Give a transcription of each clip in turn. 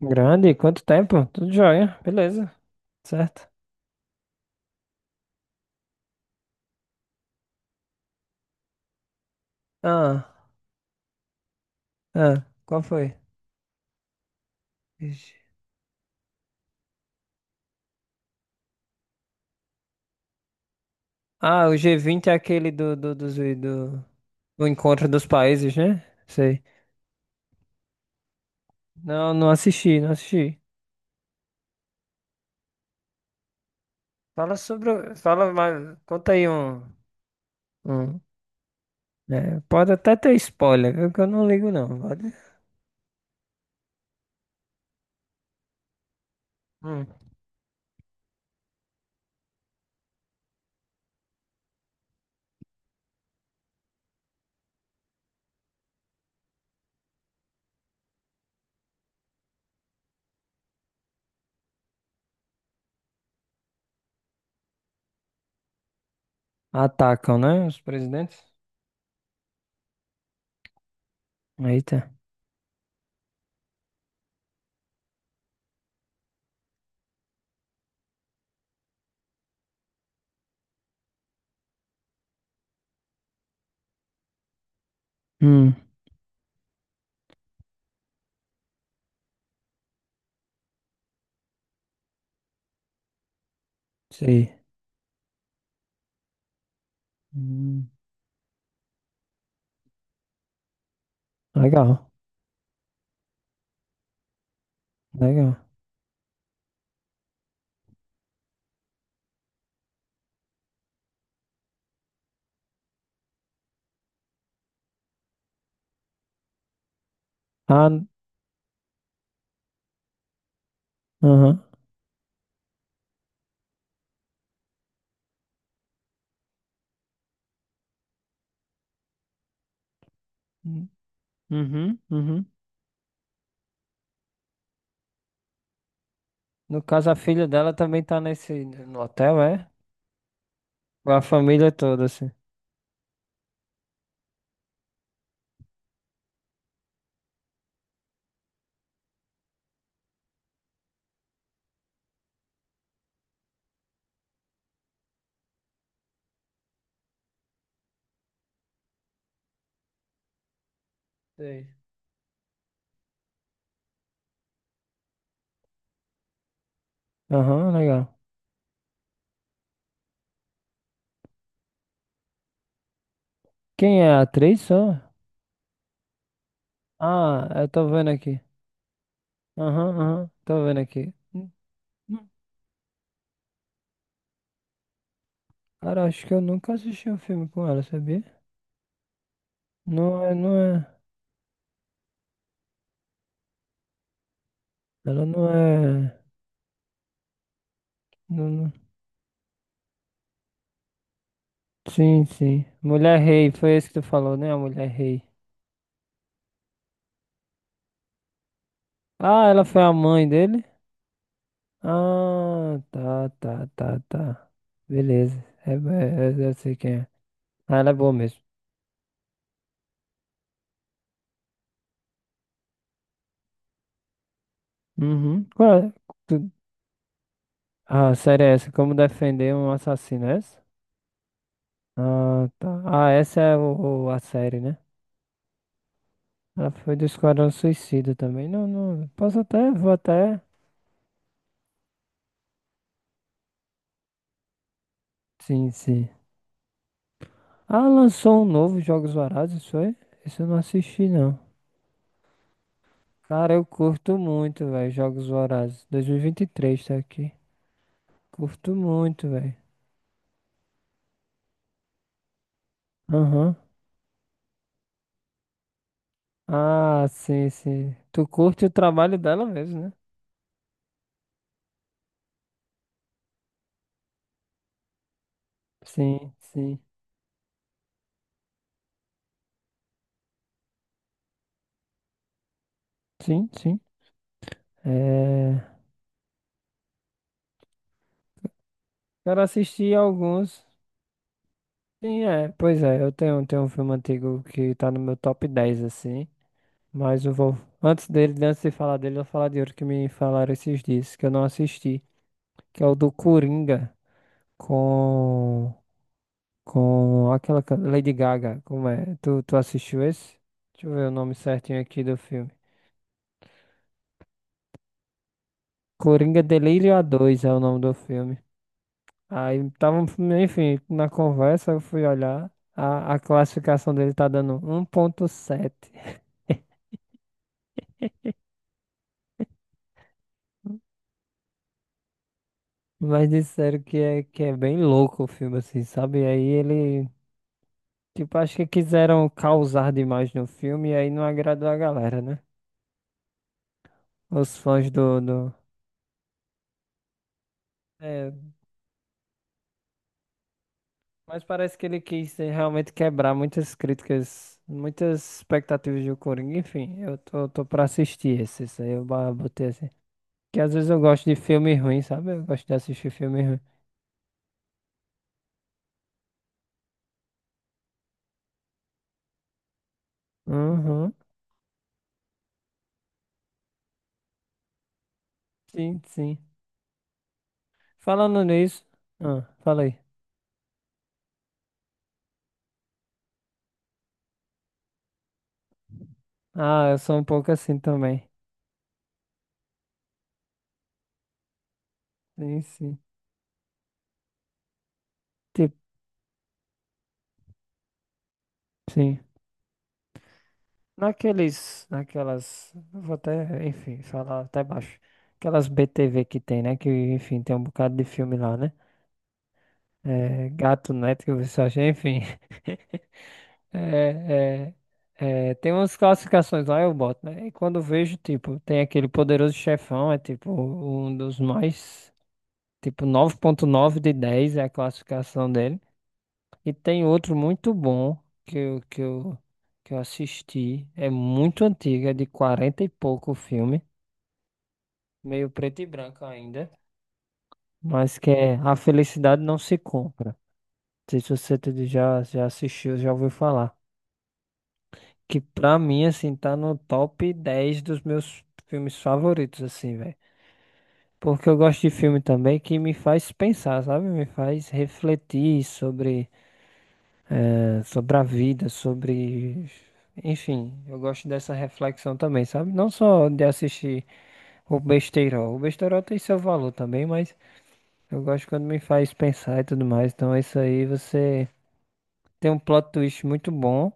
Grande, quanto tempo? Tudo jóia, beleza, certo? Ah, ah, qual foi? Ixi. Ah, o G20 é aquele do encontro dos países, né? Sei. Não, não assisti, não assisti. Fala sobre, fala mais, conta aí um, né? Pode até ter spoiler, viu? Que eu não ligo não, pode. Hum. Atacam, né, os presidentes? Eita. Hum, sei. Hum, legal, legal. Ah, aham. Uhum, uhum. No caso, a filha dela também tá nesse no hotel, é? Com a família toda, assim. Sei. Aham, legal. Quem é a atriz só? Ah, eu tô vendo aqui. Aham, aham, tô vendo aqui. Hum. Cara, acho que eu nunca assisti um filme com ela, sabia? Não é, não é. Ela não é. Não. Sim, sim. Mulher Rei, foi esse que tu falou, né? A Mulher Rei. Ah, ela foi a mãe dele? Ah, tá, tá, tá, tá. Beleza. É, eu sei quem é. Ah, ela é boa mesmo. Uhum. Qual é? Tu- Ah, a série é essa? Como defender um assassino, é essa? Ah, tá. Ah, essa é a série, né? Ela foi do Esquadrão Suicida também. Não, não. Posso até, vou até. Sim, sim. Ah, lançou um novo Jogos Vorazes, isso foi? Isso eu não assisti, não. Cara, eu curto muito, velho, Jogos Vorazes. 2023 tá aqui. Curto muito, velho. Aham. Ah, sim, sim. Tu curte o trabalho dela mesmo, né? Sim, sim. Sim, sim. É... Cara, assisti alguns. Sim, é. Pois é, eu tenho um filme antigo que tá no meu top 10, assim. Mas eu vou. Antes dele, antes de falar dele, eu vou falar de outro que me falaram esses dias, que eu não assisti. Que é o do Coringa com. Com aquela Lady Gaga. Como é? Tu assistiu esse? Deixa eu ver o nome certinho aqui do filme. Coringa Delírio A2 é o nome do filme. Aí tava, enfim, na conversa eu fui olhar. A classificação dele tá dando 1.7. Mas disseram que é bem louco o filme, assim, sabe? E aí ele, tipo, acho que quiseram causar demais no filme e aí não agradou a galera, né? Os fãs do. É, mas parece que ele quis realmente quebrar muitas críticas, muitas expectativas do Coringa. Enfim, eu tô pra assistir esse, isso aí eu botei assim. Que às vezes eu gosto de filme ruim, sabe? Eu gosto de assistir filme ruim. Uhum. Sim, sim. Falando nisso. Ah, fala aí. Ah, eu sou um pouco assim também. Sim, sim. Tipo, sim. Naquelas, eu vou até, enfim, falar até baixo. Aquelas BTV que tem, né? Que, enfim, tem um bocado de filme lá, né? É, Gato Net, que você acha, enfim. É, é, tem umas classificações lá, eu boto, né? E quando eu vejo, tipo, tem aquele poderoso chefão, é tipo um dos mais, tipo, 9.9 de 10 é a classificação dele. E tem outro muito bom que eu, que eu, que eu assisti, é muito antigo, é de 40 e pouco o filme, meio preto e branco ainda, mas que é A Felicidade Não Se Compra. Não sei se você já assistiu, já ouviu falar. Que pra mim, assim, tá no top 10 dos meus filmes favoritos, assim, velho. Porque eu gosto de filme também que me faz pensar, sabe? Me faz refletir sobre, sobre a vida, sobre. Enfim, eu gosto dessa reflexão também, sabe? Não só de assistir o besteirol. O besteirol tem seu valor também, mas eu gosto quando me faz pensar e tudo mais. Então, isso aí você tem um plot twist muito bom.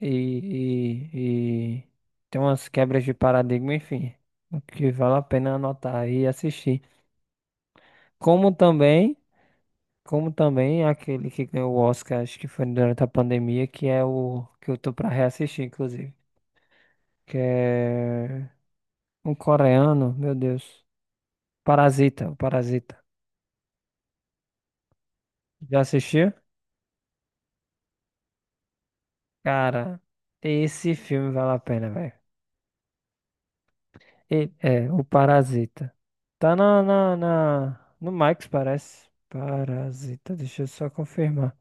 E tem umas quebras de paradigma, enfim, o que vale a pena anotar e assistir. Como também, como também aquele que ganhou o Oscar, acho que foi durante a pandemia, que é o que eu tô pra reassistir, inclusive, que é um coreano, meu Deus, Parasita, o Parasita. Já assistiu? Cara, esse filme vale a pena, velho. É, o Parasita. Tá no Max, parece. Parasita, deixa eu só confirmar.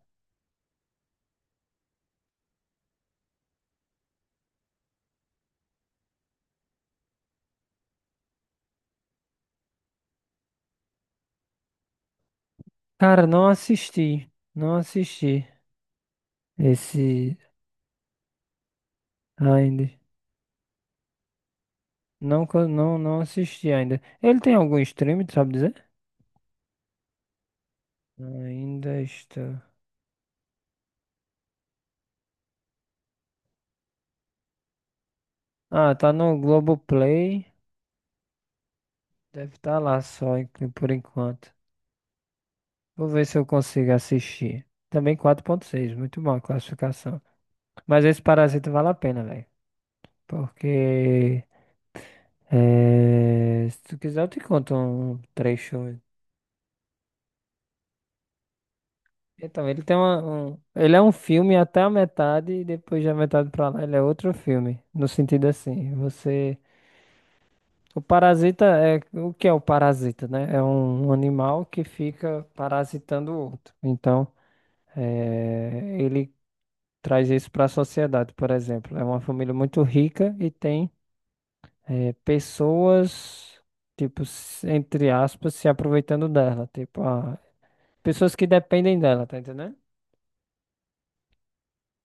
Cara, não assisti. Não assisti esse ainda. Não, não, não assisti ainda. Ele tem algum stream, tu sabe dizer? Ainda está. Ah, tá no Globoplay. Deve estar lá só por enquanto. Vou ver se eu consigo assistir. Também 4.6 muito bom a classificação. Mas esse Parasita vale a pena, velho. Porque é, se tu quiser, eu te conto um trecho. Então, ele é um filme até a metade e depois da metade pra lá ele é outro filme. No sentido assim, você, o parasita é o que é o parasita, né? É um animal que fica parasitando o outro. Então, ele traz isso para a sociedade, por exemplo. É uma família muito rica e tem pessoas, tipo, entre aspas, se aproveitando dela. Tipo, ah, pessoas que dependem dela, tá entendendo?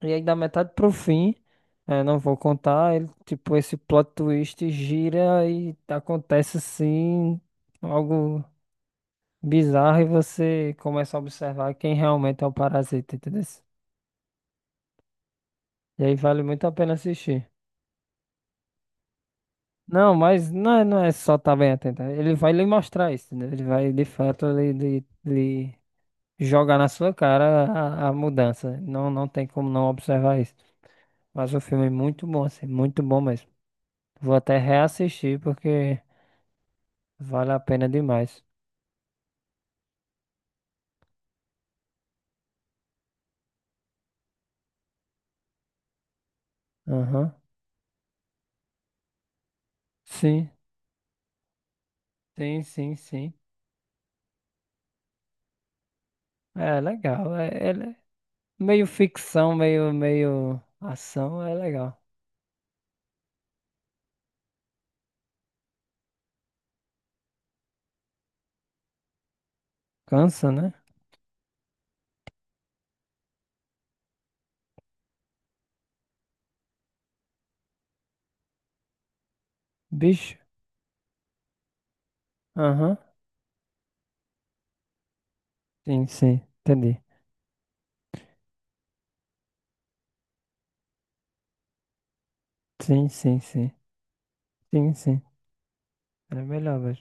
E aí, da metade pro fim, não vou contar, ele, tipo, esse plot twist gira e acontece assim, algo bizarro e você começa a observar quem realmente é o parasita, entendeu? E aí vale muito a pena assistir. Não, mas não é só estar bem atento. Ele vai lhe mostrar isso, né? Ele vai, de fato, lhe, jogar na sua cara a mudança. Não, não tem como não observar isso. Mas o filme é muito bom, assim, muito bom mesmo. Vou até reassistir porque vale a pena demais. Aham. Sim, sim, sim, sim. É legal. É, ele é meio ficção, meio ação, é legal. Cansa, né? Bicho. Aham. Sim, sim. Entendi. Sim, sim, sim. Sim, sim. Era melhor, velho.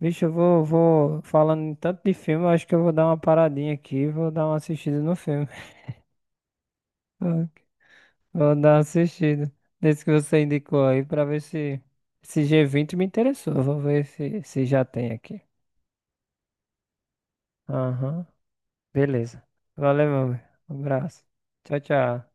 Vixe, eu vou falando em tanto de filme, eu acho que eu vou dar uma paradinha aqui, e vou dar uma assistida no filme. Vou vou dar uma assistida nesse que você indicou aí pra ver se esse G20 me interessou. Vou ver se já tem aqui. Aham, beleza. Valeu, meu. Um abraço. Tchau, tchau.